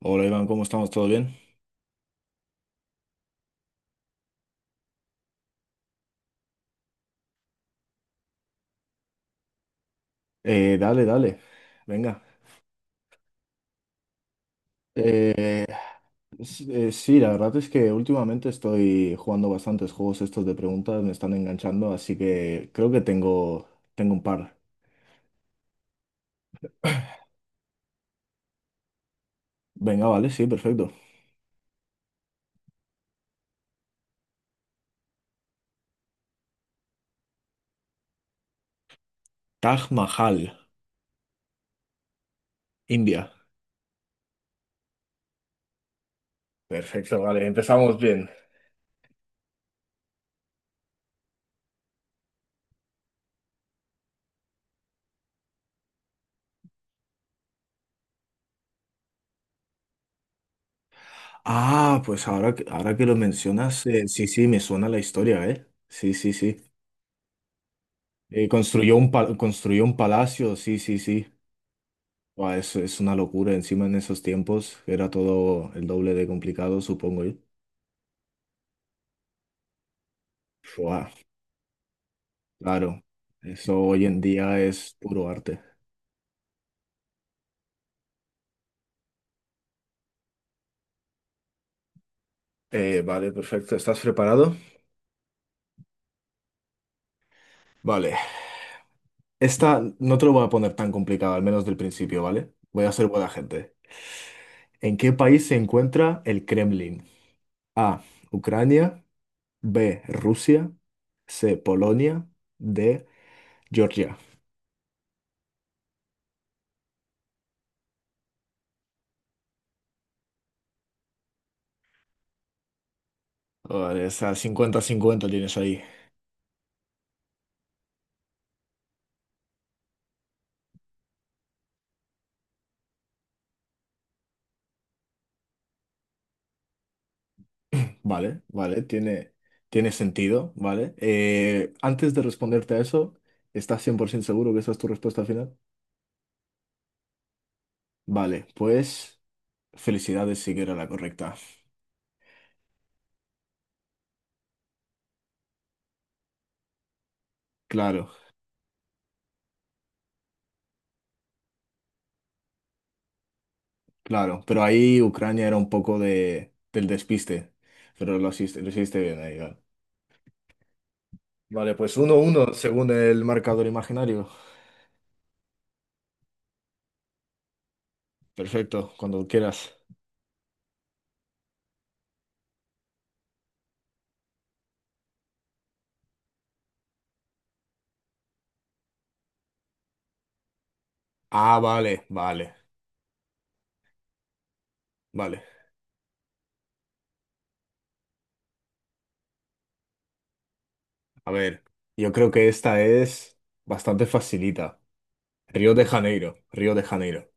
Hola Iván, ¿cómo estamos? ¿Todo bien? Dale, dale, venga. Eh, sí, la verdad es que últimamente estoy jugando bastantes juegos estos de preguntas, me están enganchando, así que creo que tengo un par. Venga, vale, sí, perfecto. Taj Mahal, India. Perfecto, vale, empezamos bien. Ah, pues ahora que lo mencionas, sí, sí, me suena la historia, ¿eh? Sí, sí, sí. Construyó un palacio, sí, sí, sí. Buah, eso es una locura. Encima en esos tiempos era todo el doble de complicado, supongo yo. Buah, claro. Eso hoy en día es puro arte. Vale, perfecto. ¿Estás preparado? Vale. Esta no te lo voy a poner tan complicada, al menos del principio, ¿vale? Voy a ser buena gente. ¿En qué país se encuentra el Kremlin? A. Ucrania. B. Rusia. C. Polonia. D. Georgia. Vale, esa cincuenta-cincuenta tienes ahí. Vale, vale, tiene sentido, ¿vale? Antes de responderte a eso, ¿estás 100% seguro que esa es tu respuesta final? Vale, pues felicidades, sí que era la correcta. Claro, claro, pero ahí Ucrania era un poco de, del despiste, pero lo hiciste bien ahí, vale. Vale, pues uno uno según el marcador imaginario. Perfecto, cuando quieras. Ah, vale, vale, vale. A ver, yo creo que esta es bastante facilita. Río de Janeiro, Río de Janeiro.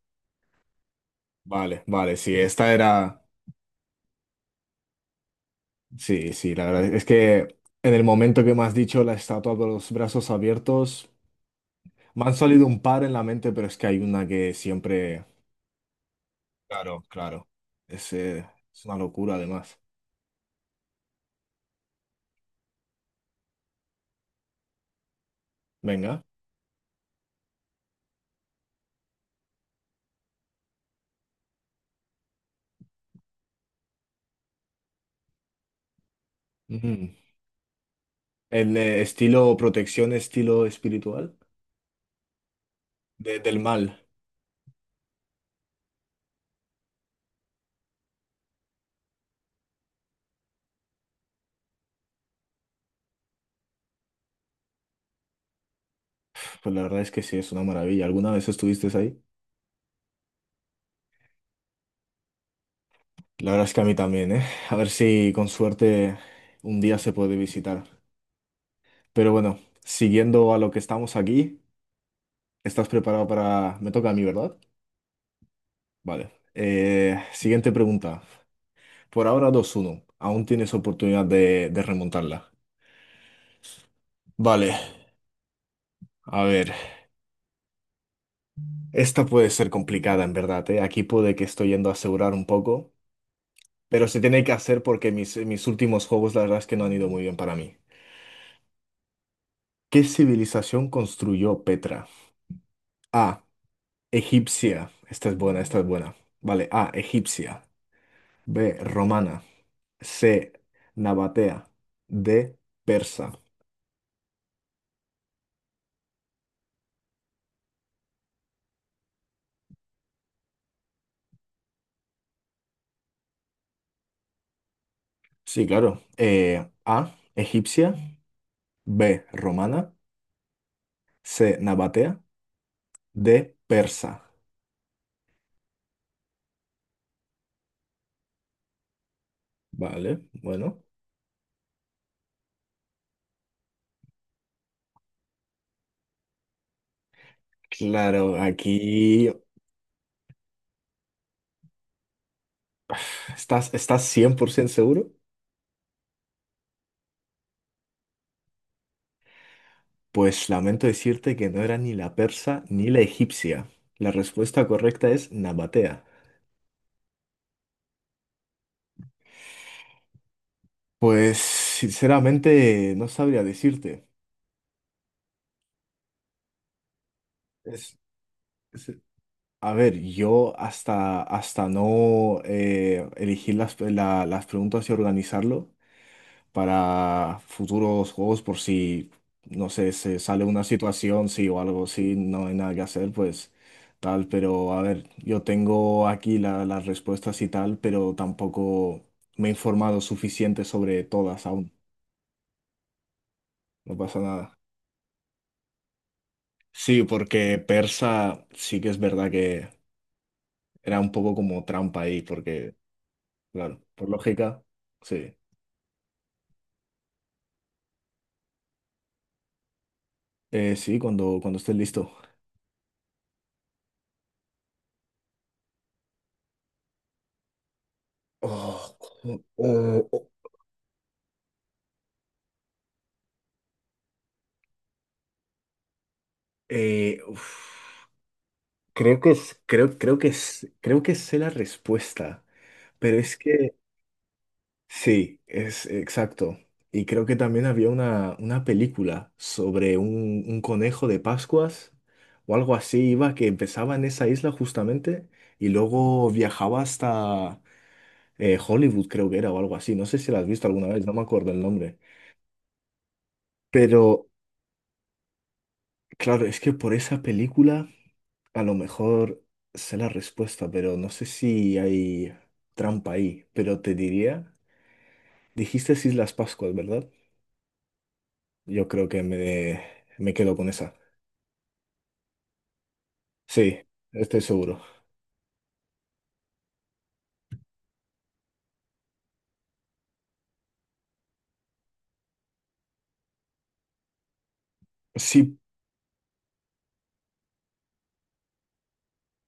Vale, vale, sí, esta era… Sí, sí, la verdad es que en el momento que me has dicho la estatua con los brazos abiertos, me han salido un par en la mente, pero es que hay una que siempre… Claro, claro. Es, eh, es una locura además. Venga. Ujú. El Estilo protección, estilo espiritual del mal. Pues la verdad es que sí, es una maravilla. ¿Alguna vez estuviste ahí? La verdad es que a mí también, ¿eh? A ver si con suerte un día se puede visitar. Pero bueno, siguiendo a lo que estamos aquí, ¿estás preparado para… Me toca a mí, ¿verdad? Vale. Siguiente pregunta. Por ahora dos uno. Aún tienes oportunidad de remontarla. Vale, a ver. Esta puede ser complicada, en verdad, ¿eh? Aquí puede que estoy yendo a asegurar un poco, pero se tiene que hacer porque mis últimos juegos, la verdad es que no han ido muy bien para mí. ¿Qué civilización construyó Petra? A. Egipcia. Esta es buena, esta es buena. Vale, A. Egipcia. B. Romana. C. Nabatea. D. Persa. Sí, claro. A. Egipcia. B. Romana. C. Nabatea. D. Persa. Vale, bueno. Claro, aquí estás 100% seguro. Pues lamento decirte que no era ni la persa ni la egipcia. La respuesta correcta es Nabatea. Pues sinceramente no sabría decirte. Es, es- A ver, hasta no elegir las preguntas y organizarlo para futuros juegos por si, no sé, se sale una situación, sí o algo, sí, no hay nada que hacer, pues tal, pero a ver, yo tengo aquí las respuestas y tal, pero tampoco me he informado suficiente sobre todas aún, no pasa nada. Sí, porque Persa sí que es verdad que era un poco como trampa ahí, porque… Claro, por lógica, sí. Sí, cuando estés listo. Oh, co- oh, oh, uf. Creo que es, creo, creo que es, creo que sé la respuesta, pero es que sí, es exacto. Y creo que también había una película sobre un conejo de Pascuas o algo así, iba que empezaba en esa isla justamente y luego viajaba hasta Hollywood, creo que era, o algo así. No sé si la has visto alguna vez, no me acuerdo el nombre. Pero claro, es que por esa película a lo mejor sé la respuesta, pero no sé si hay trampa ahí. Pero te diría, dijiste Islas Pascuas, ¿verdad? Yo creo que me quedo con esa. Sí, estoy seguro. Sí,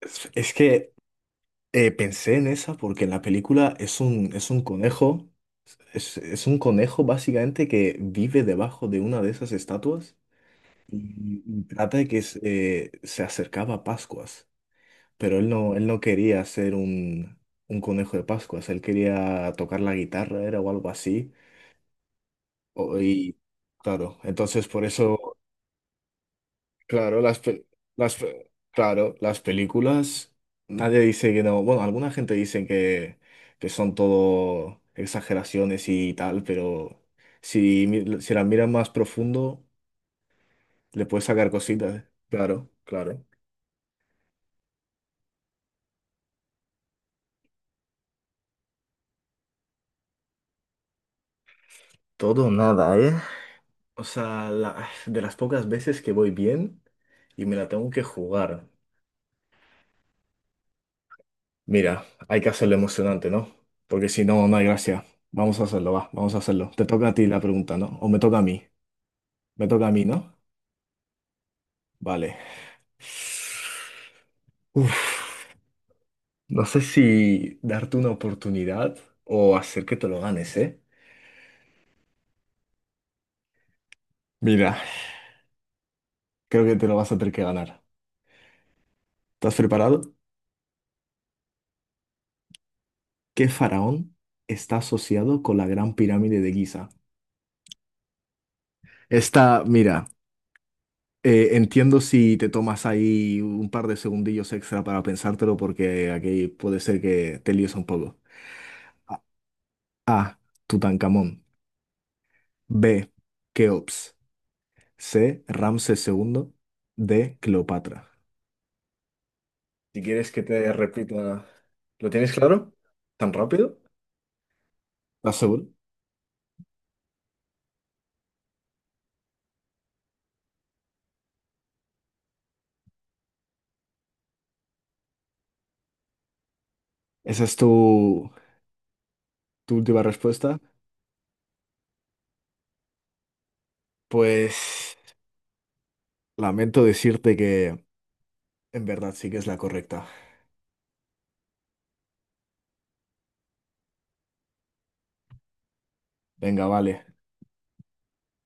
es que pensé en esa porque en la película es un conejo, es un conejo básicamente que vive debajo de una de esas estatuas y trata de que se se acercaba a Pascuas. Pero él no quería ser un conejo de Pascuas, él quería tocar la guitarra, era o algo así. O- y claro, entonces por eso, claro, claro, las películas, nadie dice que no, bueno, alguna gente dice que son todo exageraciones y tal, pero si, si las miras más profundo, le puedes sacar cositas, claro, claro. Todo o nada, ¿eh? O sea, de las pocas veces que voy bien y me la tengo que jugar. Mira, hay que hacerlo emocionante, ¿no? Porque si no, no hay gracia. Vamos a hacerlo, va, vamos a hacerlo. Te toca a ti la pregunta, ¿no? O me toca a mí. Me toca a mí, ¿no? Vale. Uf, no sé si darte una oportunidad o hacer que te lo ganes, ¿eh? Mira, creo que te lo vas a tener que ganar. ¿Estás preparado? ¿Qué faraón está asociado con la Gran Pirámide de Giza? Esta, mira. Entiendo si te tomas ahí un par de segundillos extra para pensártelo porque aquí puede ser que te líes un poco. A. Tutankamón. B. Keops. C. Ramsés segundo. D. Cleopatra. Si quieres que te repita, ¿lo tienes claro? ¿Tan rápido? ¿Estás seguro? ¿Esa es tu, tu última respuesta? Pues lamento decirte que en verdad sí que es la correcta. Venga, vale.